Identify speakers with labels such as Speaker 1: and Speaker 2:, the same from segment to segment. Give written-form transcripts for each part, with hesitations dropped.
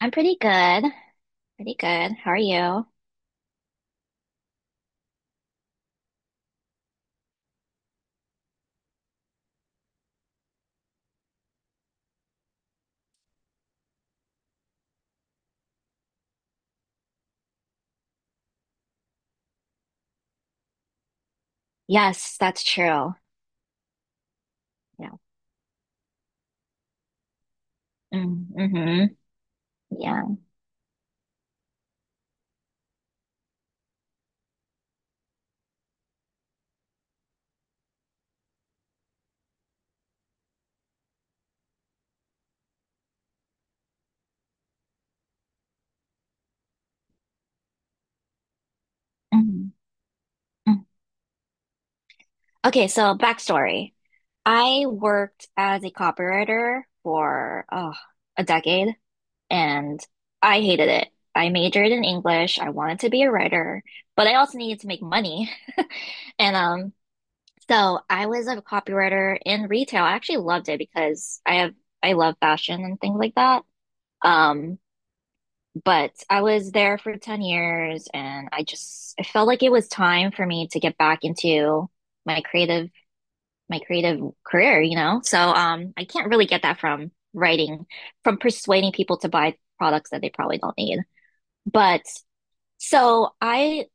Speaker 1: I'm pretty good. Pretty good. How are you? Yes, that's true. Yeah. Mm, hmm Yeah. Mhm. Mm. Okay, so backstory. I worked as a copywriter for a decade, and I hated it. I majored in English. I wanted to be a writer, but I also needed to make money. And so I was a copywriter in retail. I actually loved it because I love fashion and things like that. Um, But I was there for 10 years, and I felt like it was time for me to get back into my creative my creative career, you know? So I can't really get that from writing, from persuading people to buy products that they probably don't need. But so I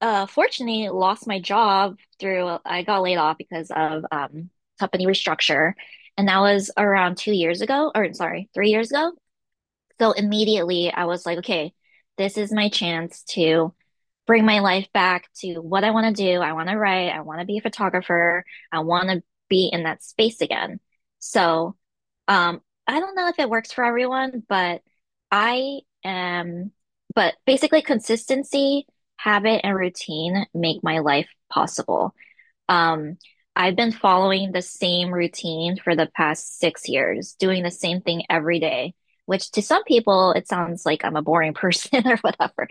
Speaker 1: Fortunately, lost my job through I got laid off because of company restructure, and that was around 2 years ago. Or, sorry, 3 years ago. So immediately I was like, okay, this is my chance to bring my life back to what I want to do. I want to write. I want to be a photographer. I want to be in that space again. So, um, I don't know if it works for everyone, but I am, basically consistency, habit, and routine make my life possible. Um, I've been following the same routine for the past 6 years, doing the same thing every day, which to some people, it sounds like I'm a boring person, or whatever.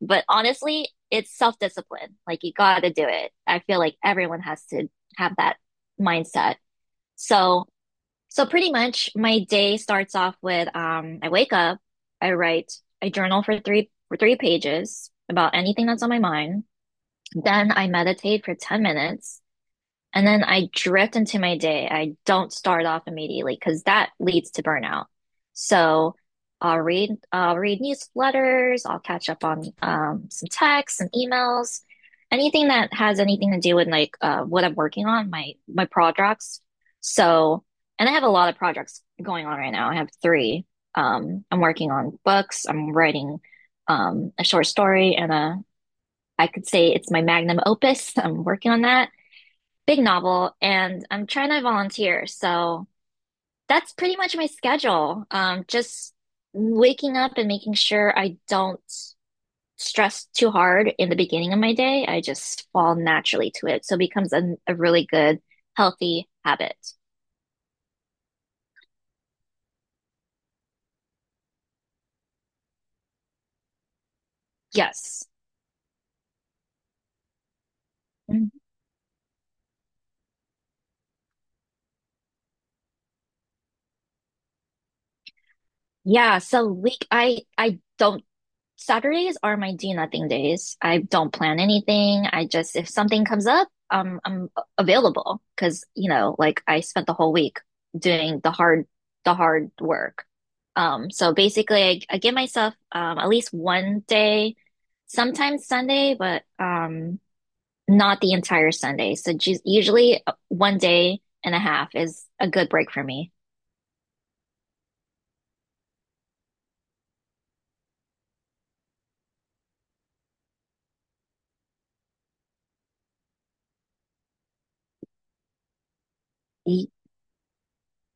Speaker 1: But honestly, it's self-discipline. Like, you gotta do it. I feel like everyone has to have that mindset. So, so pretty much my day starts off with, I wake up, I write, I journal for three pages about anything that's on my mind. Then I meditate for 10 minutes. And then I drift into my day. I don't start off immediately because that leads to burnout. So I'll read newsletters, I'll catch up on some texts and emails, anything that has anything to do with like what I'm working on, my projects. So, and I have a lot of projects going on right now. I have three. I'm working on books, I'm writing a short story, and a I could say it's my magnum opus. I'm working on that big novel, and I'm trying to volunteer. So that's pretty much my schedule. Just waking up and making sure I don't stress too hard in the beginning of my day. I just fall naturally to it. So it becomes a really good, healthy habit. Yes. Mhm. Yeah. So week, I don't Saturdays are my do nothing days. I don't plan anything. I just, if something comes up, I'm available because, you know, like, I spent the whole week doing the hard work. So basically I give myself, at least one day, sometimes Sunday, but, not the entire Sunday. So usually one day and a half is a good break for me.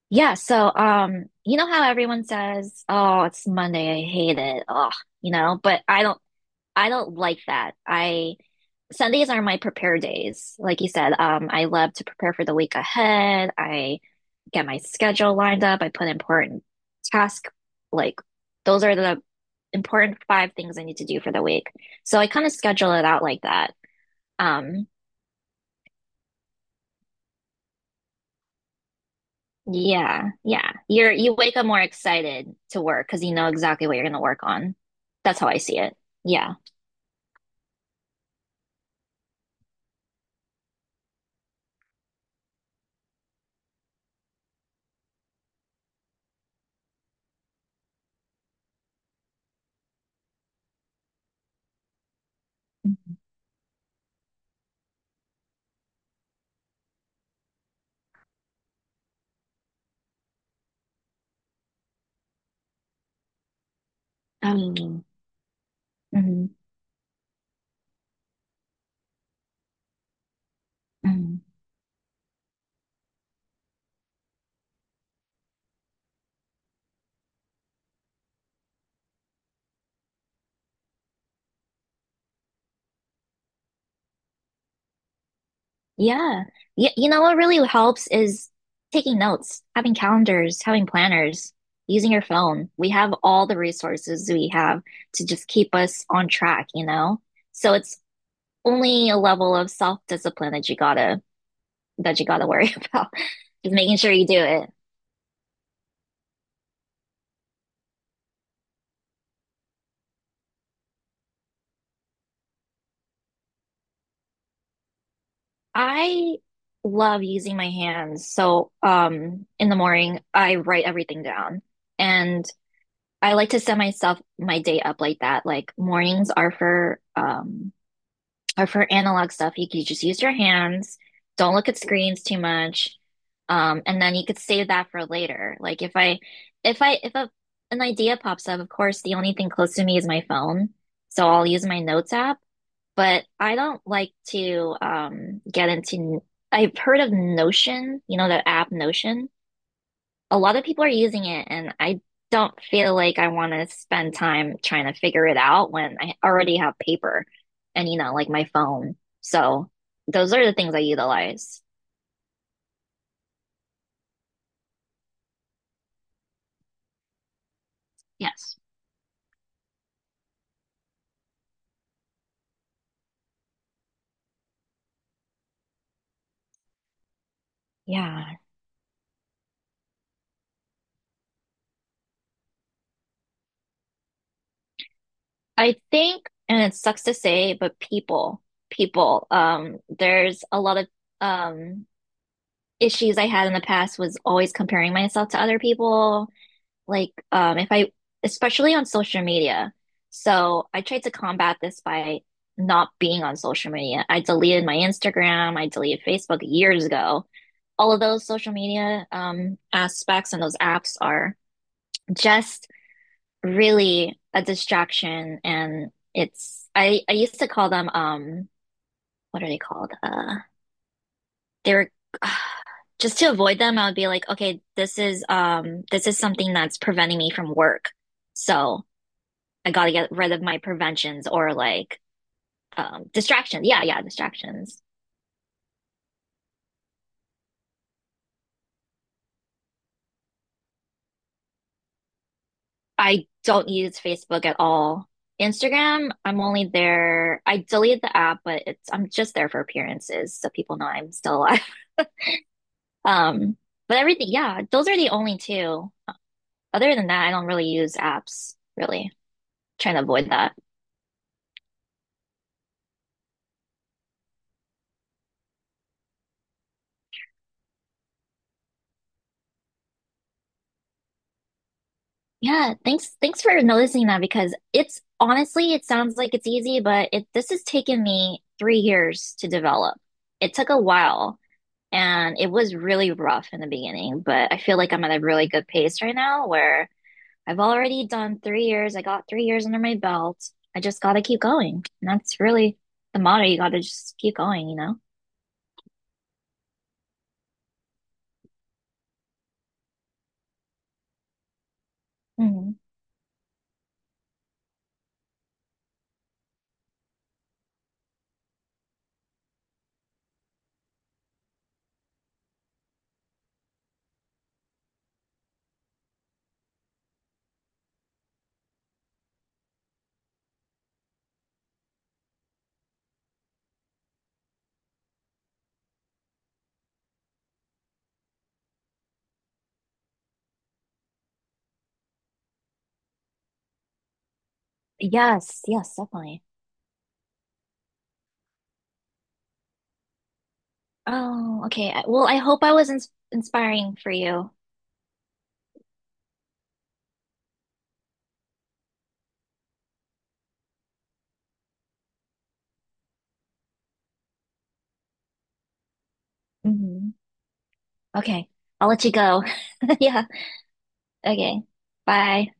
Speaker 1: Yeah, so you know how everyone says, "Oh, it's Monday, I hate it." Oh, you know, but I don't like that. I Sundays are my prepare days. Like you said, I love to prepare for the week ahead. I get my schedule lined up. I put important task like Those are the important five things I need to do for the week. So I kind of schedule it out like that. Um, Yeah, yeah. You wake up more excited to work because you know exactly what you're going to work on. That's how I see it. Yeah. Um, mhm, mhm. Yeah. Y You know what really helps is taking notes, having calendars, having planners, using your phone. We have all the resources we have to just keep us on track, you know? So it's only a level of self-discipline that you gotta worry about. Just making sure you do it. I love using my hands. So, in the morning, I write everything down. And I like to set myself my day up like that. Like, mornings are for analog stuff. You can just use your hands. Don't look at screens too much. And then you could save that for later. Like, if a an idea pops up, of course, the only thing close to me is my phone. So I'll use my notes app, but I don't like to get into. I've heard of Notion, you know, the app Notion. A lot of people are using it, and I don't feel like I want to spend time trying to figure it out when I already have paper and, you know, like, my phone. So those are the things I utilize. Yes. Yeah. I think, and it sucks to say, but people, there's a lot of um issues I had in the past was always comparing myself to other people, like, if I especially on social media. So I tried to combat this by not being on social media. I deleted my Instagram, I deleted Facebook years ago. All of those social media aspects and those apps are just really a distraction, and it's I used to call them what are they called? They were uh, just to avoid them, I would be like, okay, this is something that's preventing me from work. So I got to get rid of my preventions, or like, distractions. Yeah, yeah, distractions. I don't use Facebook at all. Instagram, I'm only there. I deleted the app, but it's I'm just there for appearances so people know I'm still alive. Um, but everything, yeah, those are the only two. Other than that, I don't really use apps, really. Trying to avoid that. Yeah, thanks for noticing that, because it's honestly, it sounds like it's easy, but it this has taken me 3 years to develop. It took a while. And it was really rough in the beginning, but I feel like I'm at a really good pace right now where I've already done 3 years. I got 3 years under my belt. I just got to keep going. And that's really the motto. You got to just keep going, you know? Hmm Yes, yes, definitely. Oh, okay. Well, I hope I was inspiring for you. Hmm Okay. I'll let you go. Yeah. Okay. Bye.